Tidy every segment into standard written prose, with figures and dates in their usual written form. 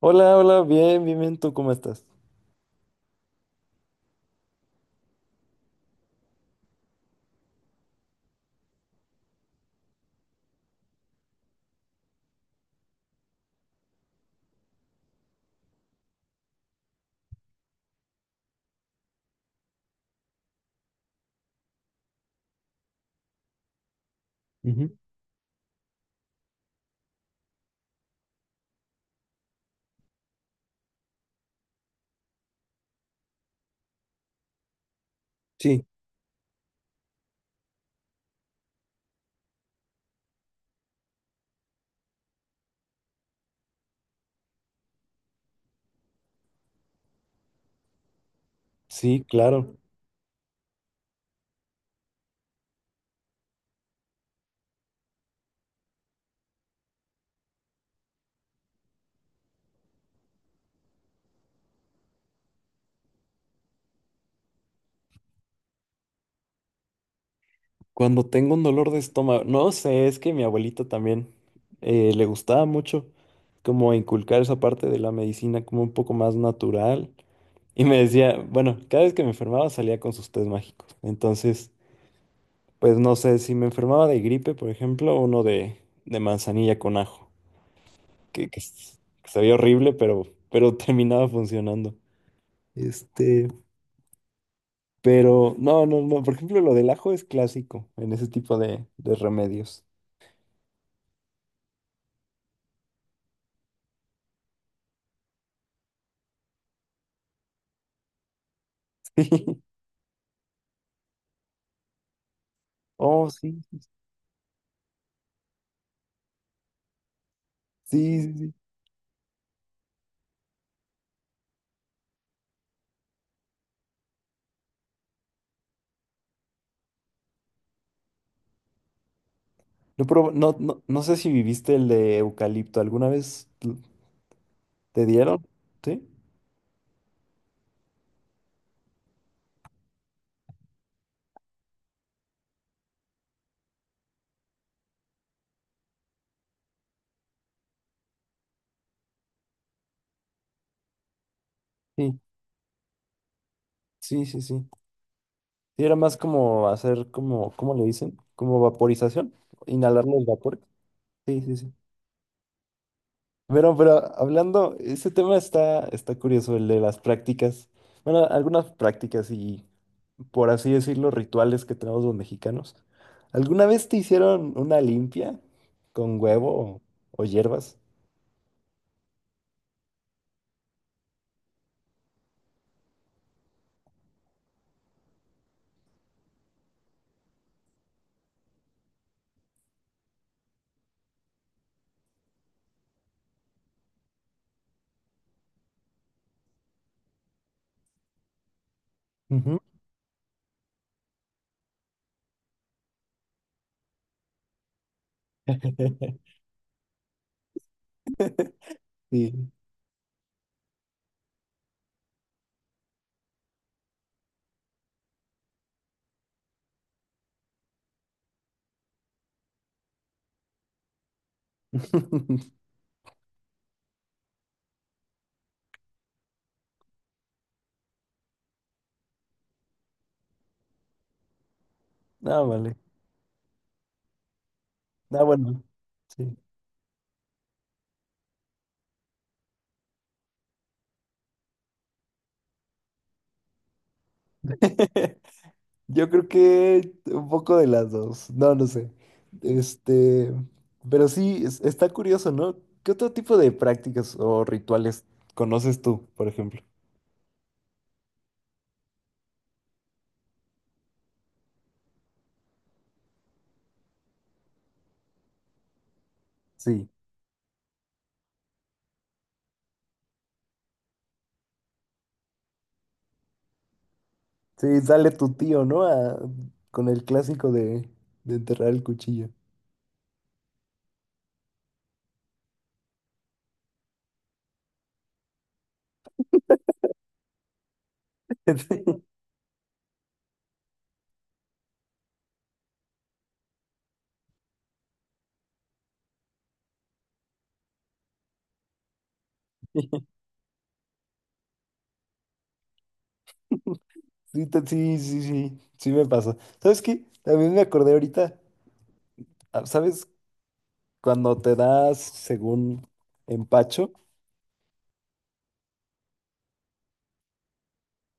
Hola, hola, bien, bien, bien, ¿tú cómo estás? Ujú. Sí. Sí, claro. Cuando tengo un dolor de estómago, no sé, es que mi abuelita también le gustaba mucho como inculcar esa parte de la medicina como un poco más natural. Y me decía, bueno, cada vez que me enfermaba salía con sus tés mágicos. Entonces, pues no sé, si me enfermaba de gripe, por ejemplo, uno de manzanilla con ajo, que, que s- que sabía horrible, pero terminaba funcionando. Este, pero no, no, no. Por ejemplo, lo del ajo es clásico en ese tipo de remedios. Oh, sí, sí, sí, sí. No, no, no sé si viviste el de eucalipto. ¿Te dieron? ¿Sí? Sí, sí, sí, sí. Sí, era más como hacer como, ¿cómo le dicen? Como vaporización. Inhalar los vapores. Sí, sí, sí. Pero hablando, ese tema está curioso, el de las prácticas. Bueno, algunas prácticas y, por así decirlo, rituales que tenemos los mexicanos. ¿Alguna vez te hicieron una limpia con huevo o hierbas? Ujú. Sí. No, vale. No, bueno. Sí. Yo creo que un poco de las dos. No, no sé. Este, pero sí, está curioso, ¿no? ¿Qué otro tipo de prácticas o rituales conoces tú, por ejemplo? Sí, sí, sale tu tío, ¿no? Con el clásico de enterrar el cuchillo. Sí, sí, sí, sí, sí me pasa. ¿Sabes qué? También me acordé ahorita, ah, ¿sabes? Cuando te das según empacho.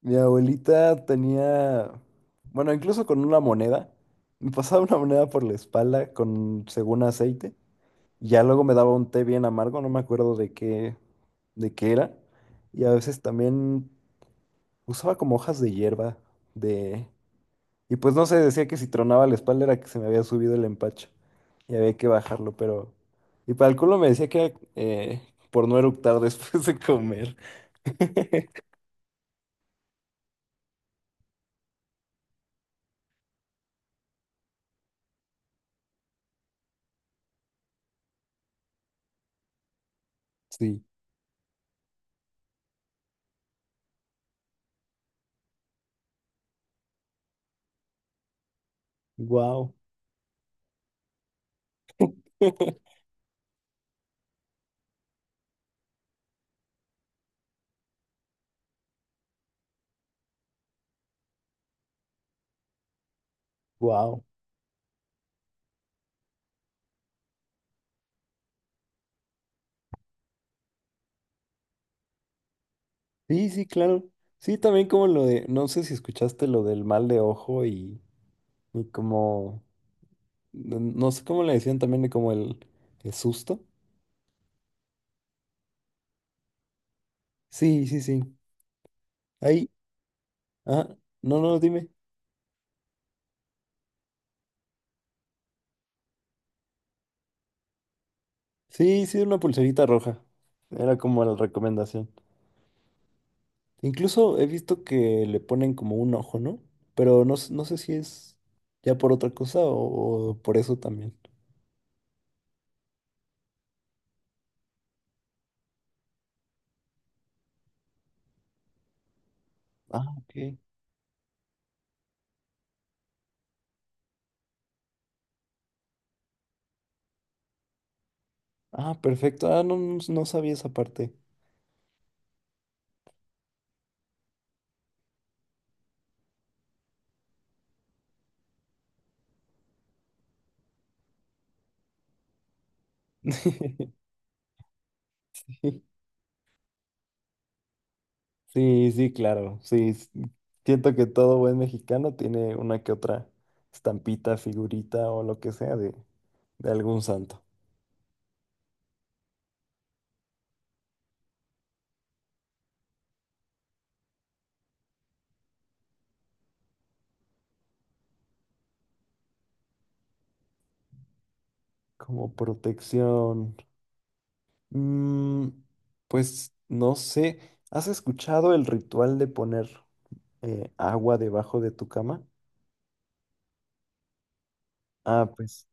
Mi abuelita tenía, bueno, incluso con una moneda, me pasaba una moneda por la espalda con, según aceite, y ya luego me daba un té bien amargo, no me acuerdo de qué era, y a veces también usaba como hojas de hierba, de, y pues no sé, decía que si tronaba la espalda era que se me había subido el empacho, y había que bajarlo, pero, y para el culo me decía que era por no eructar después de comer. Sí, wow, wow. Sí, sí, claro. Sí, también como lo de, no sé si escuchaste lo del mal de ojo y como, no no sé cómo le decían también de como el susto. Sí, sí, sí. Ahí, ah, no, no, dime. Sí, sí, una pulserita roja. Era como la recomendación. Incluso he visto que le ponen como un ojo, ¿no? Pero no, no sé si es ya por otra cosa o por eso también. Ah, ok. Ah, perfecto. Ah, no, no no sabía esa parte. Sí, sí, claro, sí. Siento que todo buen mexicano tiene una que otra estampita, figurita o lo que sea de algún santo. Como protección. Mm, pues no sé, ¿has escuchado el ritual de poner agua debajo de tu cama? Ah, pues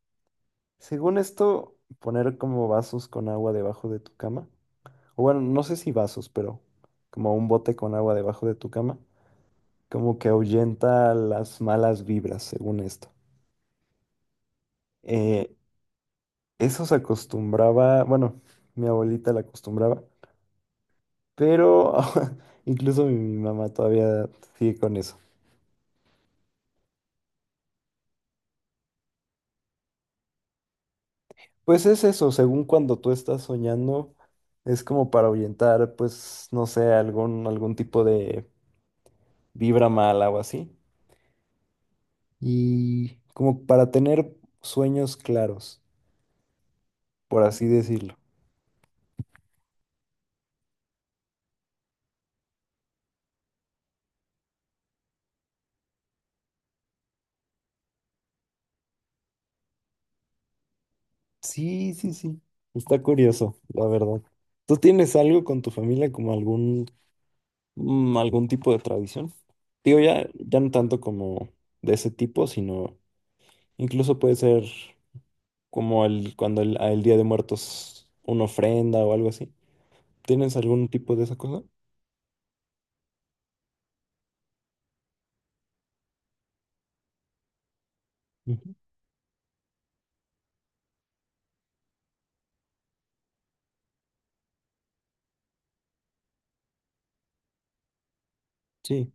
según esto, poner como vasos con agua debajo de tu cama. O bueno, no sé si vasos, pero como un bote con agua debajo de tu cama, como que ahuyenta las malas vibras, según esto. Eh, eso se acostumbraba, bueno, mi abuelita la acostumbraba, pero incluso mi mamá todavía sigue con eso. Pues es eso, según cuando tú estás soñando, es como para ahuyentar, pues, no sé, algún tipo de vibra mala o así. Y como para tener sueños claros, por así decirlo. Sí, sí, sí. Está curioso, la verdad. ¿Tú tienes algo con tu familia como algún, mm, algún tipo de tradición? Digo, ya, ya no tanto como de ese tipo, sino incluso puede ser como el, cuando el, al Día de Muertos una ofrenda o algo así. ¿Tienes algún tipo de esa cosa? Ujú. Sí.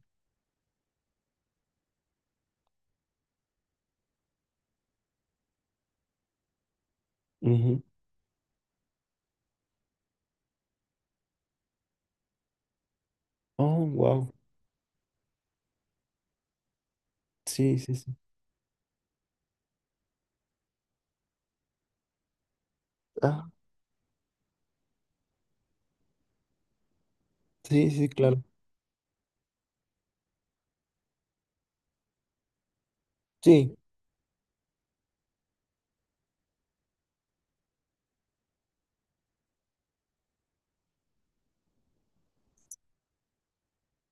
Ujú. Oh, wow. Sí, sí, sí. Ah, sí, sí, claro. Sí,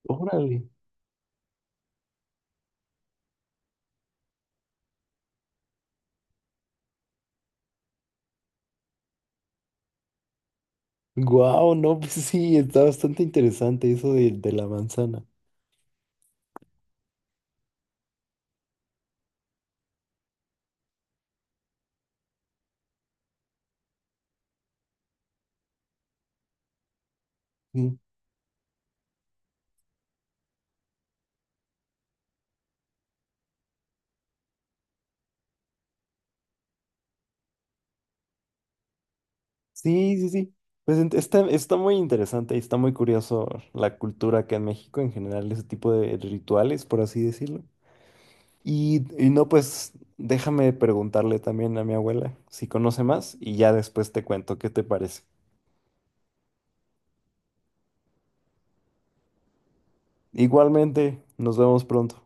órale. Wow, no, pues sí, está bastante interesante eso de la manzana. Sí, sí, sí. Pues está, está muy interesante y está muy curioso la cultura acá en México en general, ese tipo de rituales, por así decirlo. Y no, pues déjame preguntarle también a mi abuela si conoce más y ya después te cuento qué te parece. Igualmente, nos vemos pronto.